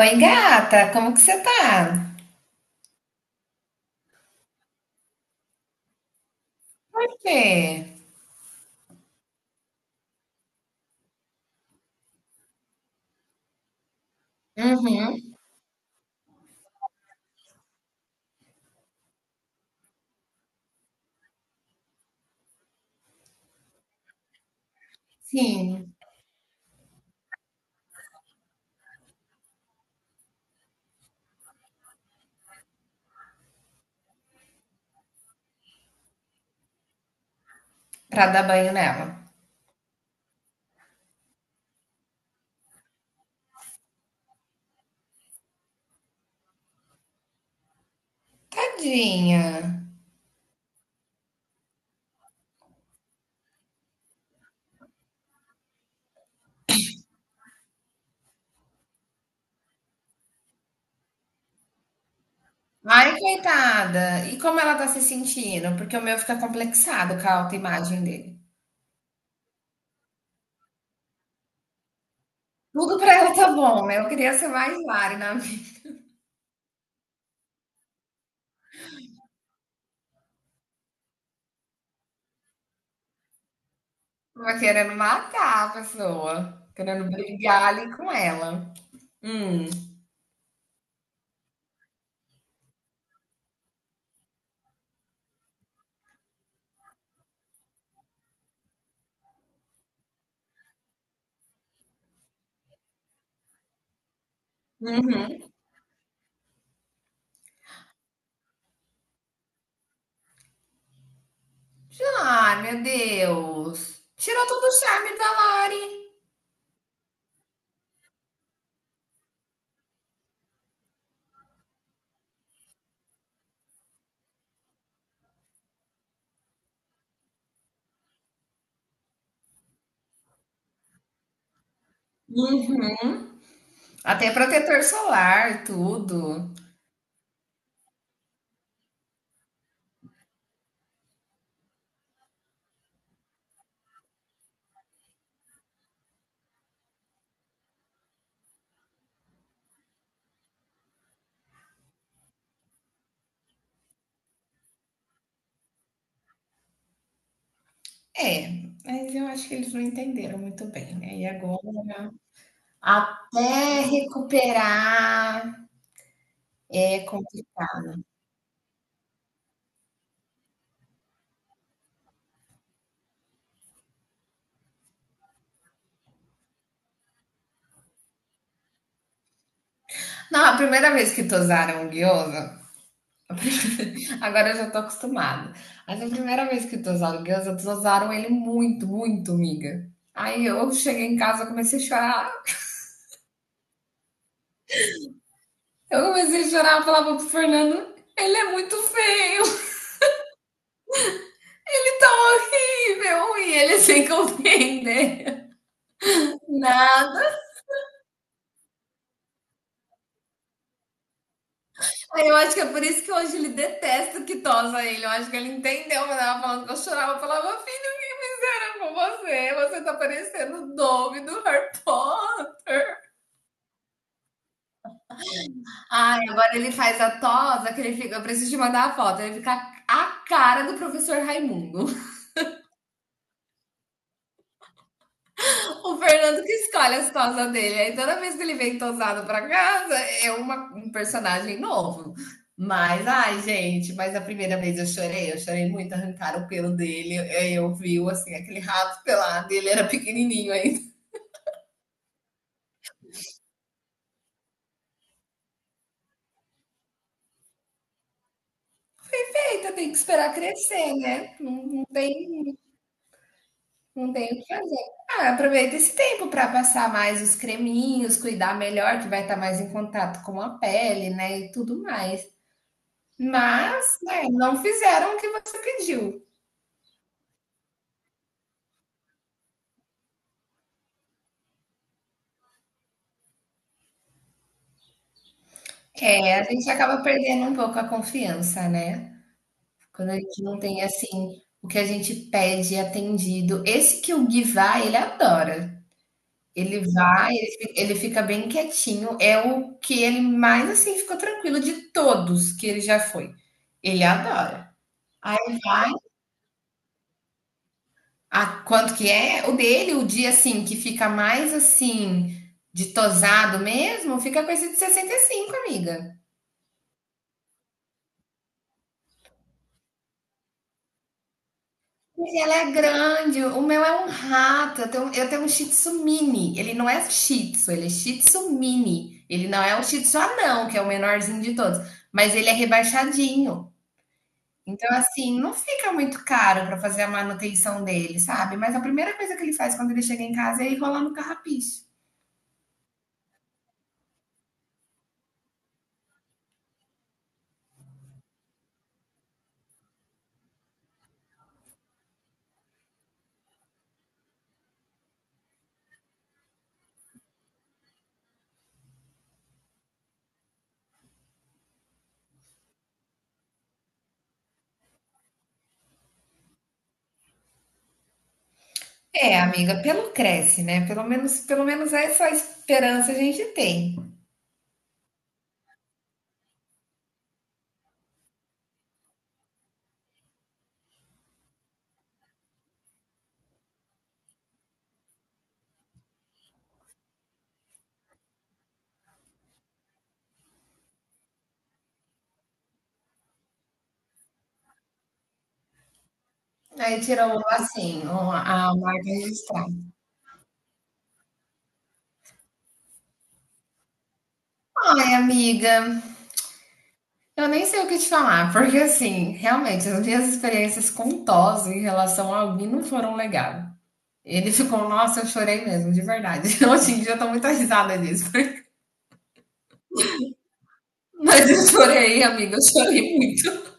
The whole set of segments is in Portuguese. Oi, gata, como que você tá? Você? Uhum. Sim, pra dar banho nela. Tadinha. Ai, coitada. E como ela tá se sentindo? Porque o meu fica complexado com a autoimagem dele. Tudo pra ela tá bom, né? Eu queria ser mais Lari na vida. Tava querendo matar a pessoa. Querendo brigar ali com ela. Hum. Uhum. Ai, meu Deus. Tirou todo o charme da Lari. Uhum. Até protetor solar, tudo. É, mas eu acho que eles não entenderam muito bem, né? E agora, até recuperar é complicado. Não, a primeira vez que tosaram o gyoza, a primeira- agora eu já tô acostumada. Mas a primeira vez que tosaram o gyoza, tosaram ele muito, muito, miga. Aí eu cheguei em casa, comecei a chorar. Eu comecei a chorar, eu falava pro Fernando, ele é muito feio. Ele tá horrível e ele é sem compreender nada. Eu acho que é por isso que hoje ele detesta que tosa ele. Eu acho que ele entendeu quando ela falando que eu chorava. Eu falava, filho, que fizeram com você? Você tá parecendo o Dobby do Harry Potter. Ai, agora ele faz a tosa que ele fica. Eu preciso te mandar a foto. Ele fica a cara do professor Raimundo. O Fernando que escolhe as tosas dele. Aí toda vez que ele vem tosado pra casa, um personagem novo. Mas, ai, gente, mas a primeira vez eu chorei muito, arrancaram o pelo dele, aí eu vi, assim, aquele rato pelado, ele era pequenininho ainda. Eita, tem que esperar crescer, né? Não, não tem, não tem o que fazer. Ah, aproveita esse tempo para passar mais os creminhos, cuidar melhor, que vai estar mais em contato com a pele, né, e tudo mais. Mas, né, não fizeram o que você pediu. É, a gente acaba perdendo um pouco a confiança, né? Quando a gente não tem, assim, o que a gente pede atendido. Esse que o Gui vai, ele adora. Ele vai, ele fica bem quietinho. É o que ele mais, assim, ficou tranquilo de todos que ele já foi. Ele adora. Aí vai a quanto que é? O dele, o dia, assim, que fica mais, assim, de tosado mesmo, fica com esse de 65, amiga. Sim, ela é grande. O meu é um rato. Eu tenho um Shih Tzu mini. Ele não é Shih Tzu, ele é Shih Tzu mini. Ele não é um Shih Tzu anão, que é o menorzinho de todos. Mas ele é rebaixadinho. Então, assim, não fica muito caro para fazer a manutenção dele, sabe? Mas a primeira coisa que ele faz quando ele chega em casa é enrolar no carrapicho. É, amiga, pelo cresce, né? Pelo menos essa esperança a gente tem. Aí tirou assim, a marca registrada. Ai, amiga, eu nem sei o que te falar, porque assim, realmente, as minhas experiências com Tose em relação a alguém não foram legais. Ele ficou, nossa, eu chorei mesmo, de verdade. Hoje em dia eu tô muito risada disso. Mas eu chorei, amiga, eu chorei muito.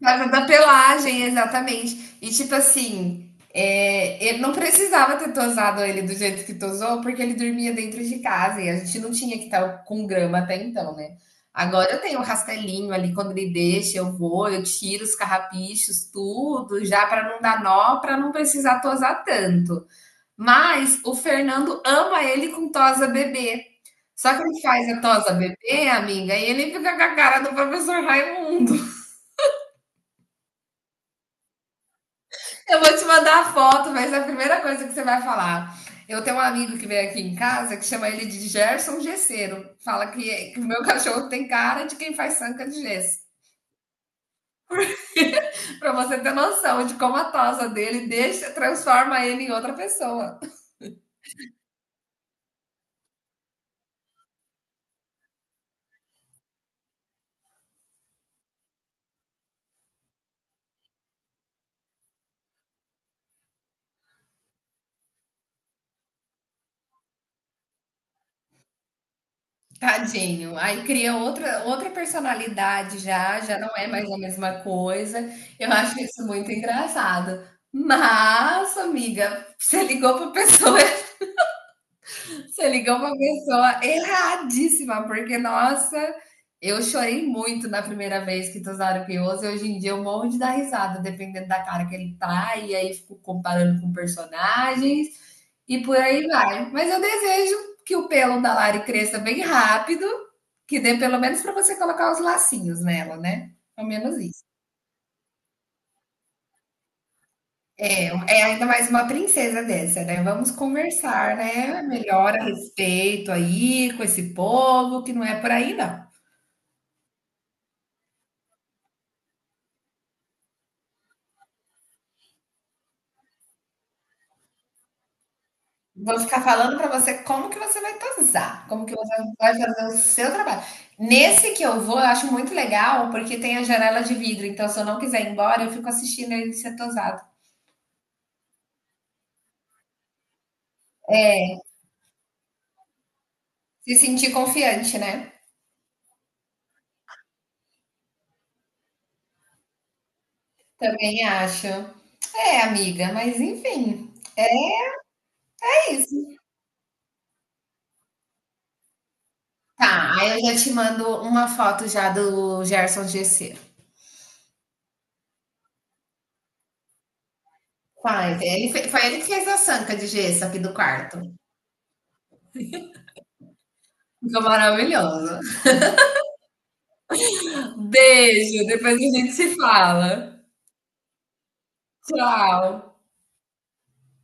Causa da pelagem, exatamente. E tipo assim, é, ele não precisava ter tosado ele do jeito que tosou, porque ele dormia dentro de casa e a gente não tinha que estar com grama até então, né? Agora eu tenho um rastelinho ali, quando ele deixa, eu vou, eu tiro os carrapichos, tudo, já para não dar nó, para não precisar tosar tanto. Mas o Fernando ama ele com tosa bebê. Só que ele faz a tosa bebê, amiga, e ele fica com a cara do professor Raimundo. Eu vou te mandar a foto, mas é a primeira coisa que você vai falar. Eu tenho um amigo que vem aqui em casa que chama ele de Gerson Gesseiro. Fala que o meu cachorro tem cara de quem faz sanca de gesso. Pra você ter noção de como a tosa dele deixa, transforma ele em outra pessoa. Tadinho. Aí cria outra, outra personalidade já, já não é mais a mesma coisa. Eu acho isso muito engraçado. Mas, amiga, você ligou para pessoa Você ligou pra pessoa erradíssima, porque, nossa, eu chorei muito na primeira vez que Tozaro Pioso, e hoje em dia eu morro de dar risada, dependendo da cara que ele tá, e aí fico comparando com personagens, e por aí vai. Mas eu desejo que o pelo da Lari cresça bem rápido, que dê pelo menos pra você colocar os lacinhos nela, né? Pelo menos isso. É, é ainda mais uma princesa dessa, né? Vamos conversar, né? Melhor a respeito aí com esse povo, que não é por aí, não. Vou ficar falando para você como que você vai tosar, como que você vai fazer o seu trabalho. Nesse que eu vou, eu acho muito legal, porque tem a janela de vidro, então se eu não quiser ir embora, eu fico assistindo ele ser tosado. É, se sentir confiante, né? Também acho. É, amiga, mas enfim, é isso. Tá, aí eu já te mando uma foto já do Gerson Gesseiro. Faz, ele, foi ele que fez a sanca de gesso aqui do quarto. Ficou maravilhoso. Beijo, depois a gente se fala. Tchau.